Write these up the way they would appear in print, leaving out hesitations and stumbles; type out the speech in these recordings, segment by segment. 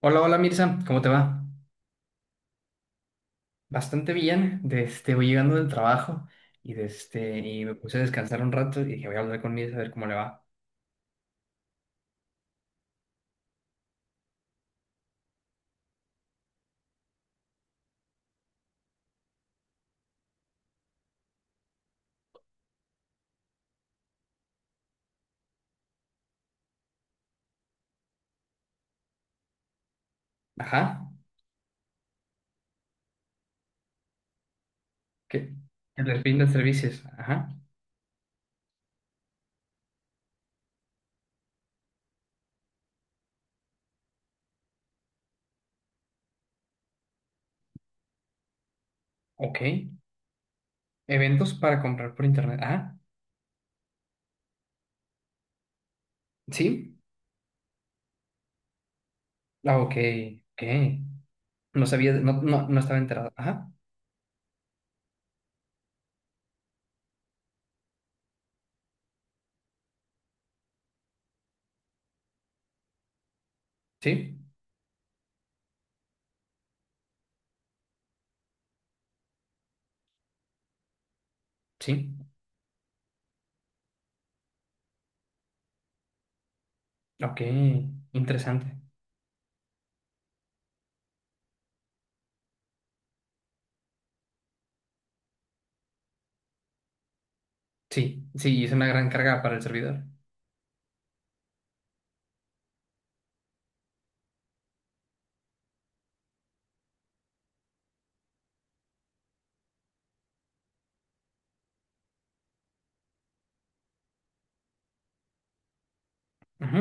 Hola, hola Mirza, ¿cómo te va? Bastante bien, voy llegando del trabajo y me puse a descansar un rato y dije voy a hablar con Mirza a ver cómo le va. Ajá, ¿qué? El perfil de servicios, ajá, ok. Eventos para comprar por internet, ajá, sí, ah, ok, ok. No sabía, no, no, no estaba enterado, ajá, sí, sí, ok, interesante. Sí, sí, es una gran carga para el servidor. Ajá,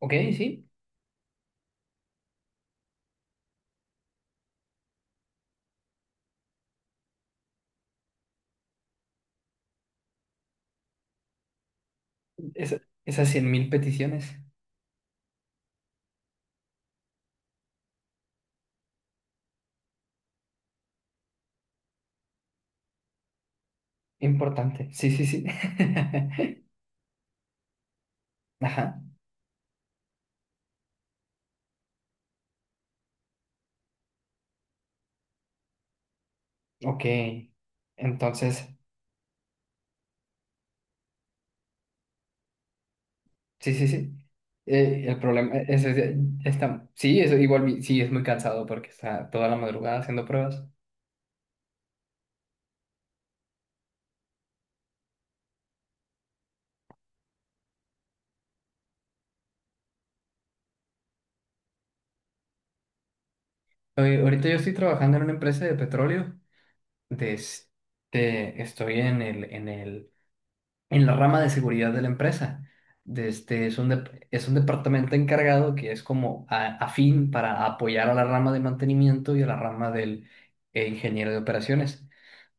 ok, sí, esas 100.000 peticiones. Importante, sí, sí, sí. Ajá, ok. Entonces, sí, sí, sí. El problema está, sí, eso igual, sí, es muy cansado porque está toda la madrugada haciendo pruebas. Oye, ahorita yo estoy trabajando en una empresa de petróleo. Estoy en la rama de seguridad de la empresa. Es un departamento encargado que es como afín para apoyar a la rama de mantenimiento y a la rama del ingeniero de operaciones.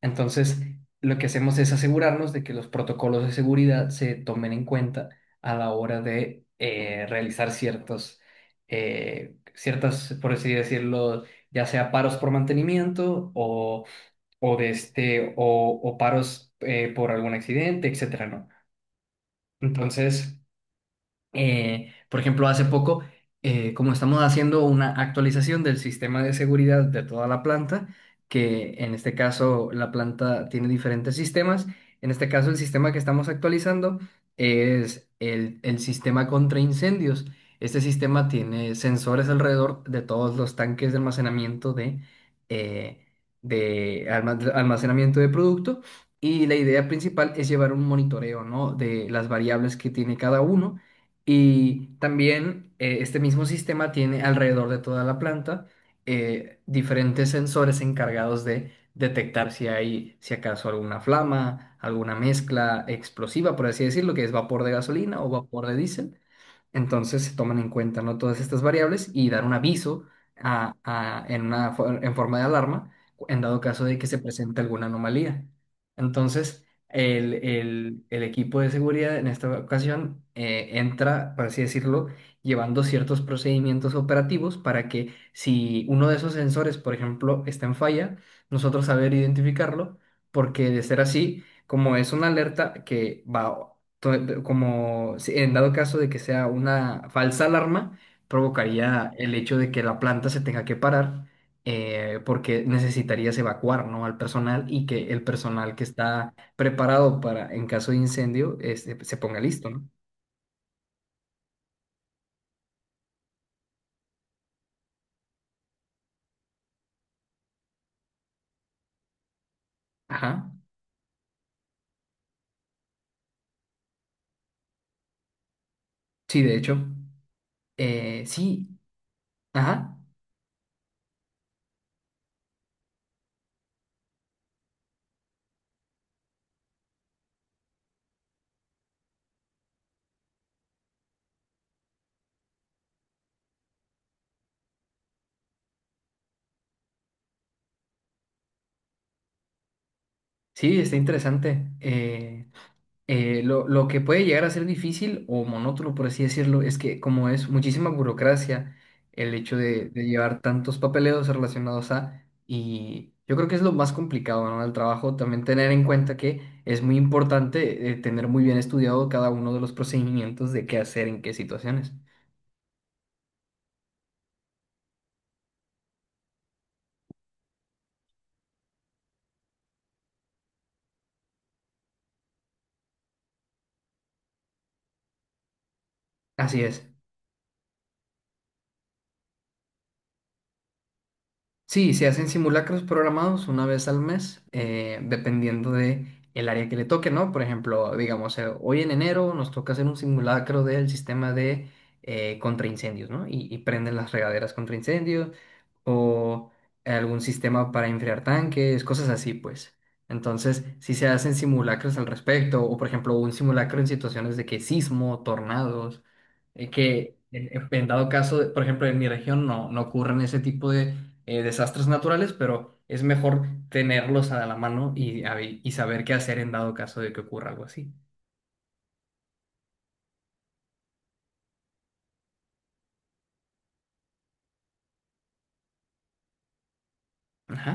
Entonces, lo que hacemos es asegurarnos de que los protocolos de seguridad se tomen en cuenta a la hora de realizar ciertas, por así decirlo, ya sea paros por mantenimiento o de este, o paros por algún accidente, etcétera, ¿no? Entonces, por ejemplo, hace poco, como estamos haciendo una actualización del sistema de seguridad de toda la planta, que en este caso la planta tiene diferentes sistemas, en este caso el sistema que estamos actualizando es el sistema contra incendios. Este sistema tiene sensores alrededor de todos los tanques de almacenamiento eh, de almacenamiento de producto, y la idea principal es llevar un monitoreo, ¿no? de las variables que tiene cada uno. Y también este mismo sistema tiene alrededor de toda la planta diferentes sensores encargados de detectar si hay, si acaso alguna flama, alguna mezcla explosiva, por así decirlo, que es vapor de gasolina o vapor de diésel. Entonces se toman en cuenta, ¿no? todas estas variables y dar un aviso en forma de alarma en dado caso de que se presente alguna anomalía. Entonces, el equipo de seguridad en esta ocasión entra, por así decirlo, llevando ciertos procedimientos operativos para que si uno de esos sensores, por ejemplo, está en falla, nosotros saber identificarlo, porque de ser así, como es una alerta que va, to- como si- en dado caso de que sea una falsa alarma, provocaría el hecho de que la planta se tenga que parar. Porque necesitarías evacuar, ¿no? al personal y que el personal que está preparado para, en caso de incendio, se ponga listo, ¿no? Ajá. Sí, de hecho. Sí, ajá. Sí, está interesante. Lo que puede llegar a ser difícil o monótono, por así decirlo, es que como es muchísima burocracia el hecho de llevar tantos papeleos relacionados a... Y yo creo que es lo más complicado, ¿no? Del trabajo, también tener en cuenta que es muy importante tener muy bien estudiado cada uno de los procedimientos de qué hacer en qué situaciones. Así es. Sí, se hacen simulacros programados una vez al mes, dependiendo de el área que le toque, ¿no? Por ejemplo, digamos, hoy en enero nos toca hacer un simulacro del sistema de contraincendios, ¿no? Y prenden las regaderas contra incendios o algún sistema para enfriar tanques, cosas así, pues. Entonces, si se hacen simulacros al respecto, o por ejemplo, un simulacro en situaciones de que sismo, tornados, que en dado caso, por ejemplo, en mi región no ocurren ese tipo de desastres naturales, pero es mejor tenerlos a la mano y saber qué hacer en dado caso de que ocurra algo así. Ajá,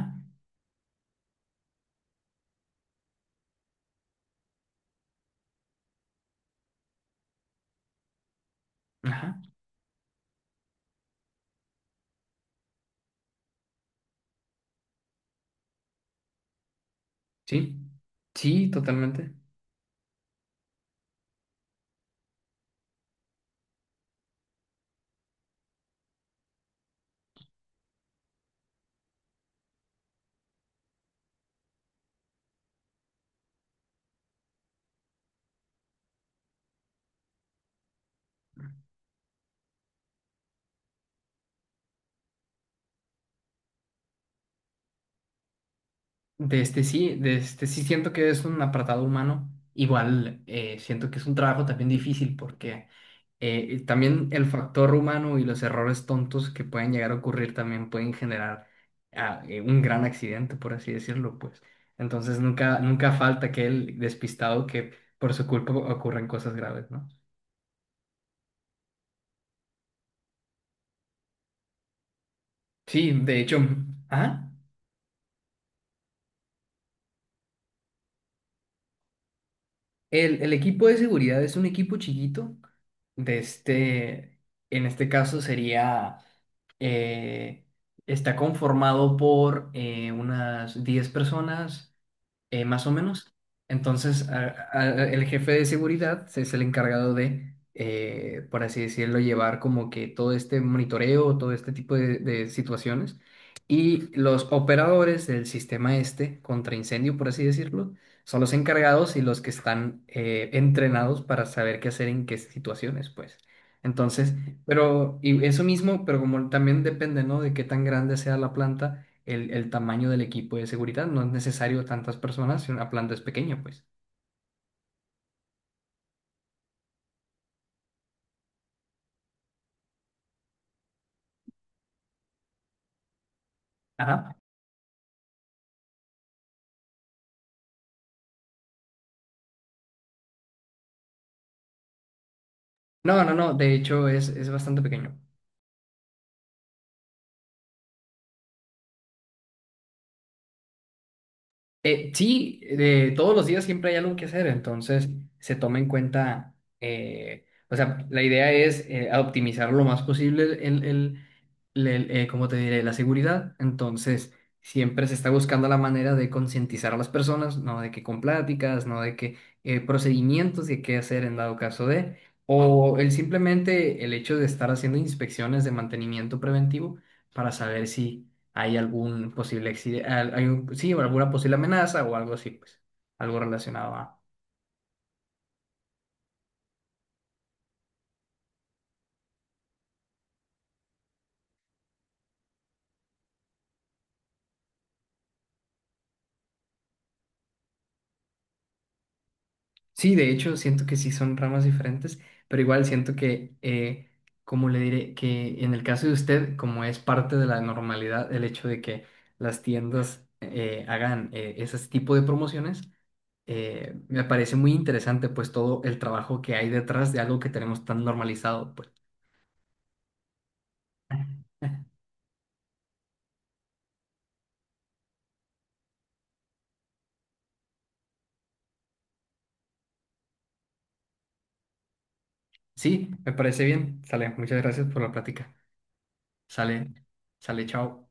ajá, sí, sí, totalmente. De este sí siento que es un apartado humano. Igual siento que es un trabajo también difícil porque también el factor humano y los errores tontos que pueden llegar a ocurrir también pueden generar un gran accidente, por así decirlo, pues. Entonces nunca, nunca falta aquel despistado que por su culpa ocurren cosas graves, ¿no? Sí, de hecho. ¿Ah? El equipo de seguridad es un equipo chiquito. De este, en este caso sería, eh, está conformado por unas 10 personas, más o menos. Entonces, el jefe de seguridad es el encargado de, por así decirlo, llevar como que todo este monitoreo, todo este tipo de situaciones. Y los operadores del sistema este, contra incendio, por así decirlo, son los encargados y los que están entrenados para saber qué hacer en qué situaciones, pues. Entonces, pero, y eso mismo, pero como también depende, ¿no? De qué tan grande sea la planta, el tamaño del equipo de seguridad. No es necesario tantas personas si una planta es pequeña, pues. Ajá. No, no, no, de hecho es bastante pequeño. Sí, de todos los días siempre hay algo que hacer, entonces se toma en cuenta, o sea, la idea es a optimizar lo más posible ¿cómo te diré? La seguridad. Entonces, siempre se está buscando la manera de concientizar a las personas, no de que con pláticas, no de que procedimientos de qué hacer en dado caso de, o el simplemente el hecho de estar haciendo inspecciones de mantenimiento preventivo para saber si hay algún posible accidente, sí, o alguna posible amenaza o algo así, pues, algo relacionado a... Sí, de hecho, siento que sí son ramas diferentes, pero igual siento que, como le diré, que en el caso de usted, como es parte de la normalidad el hecho de que las tiendas hagan ese tipo de promociones, me parece muy interesante, pues, todo el trabajo que hay detrás de algo que tenemos tan normalizado, pues. Sí, me parece bien. Sale, muchas gracias por la plática. Sale, sale, chao.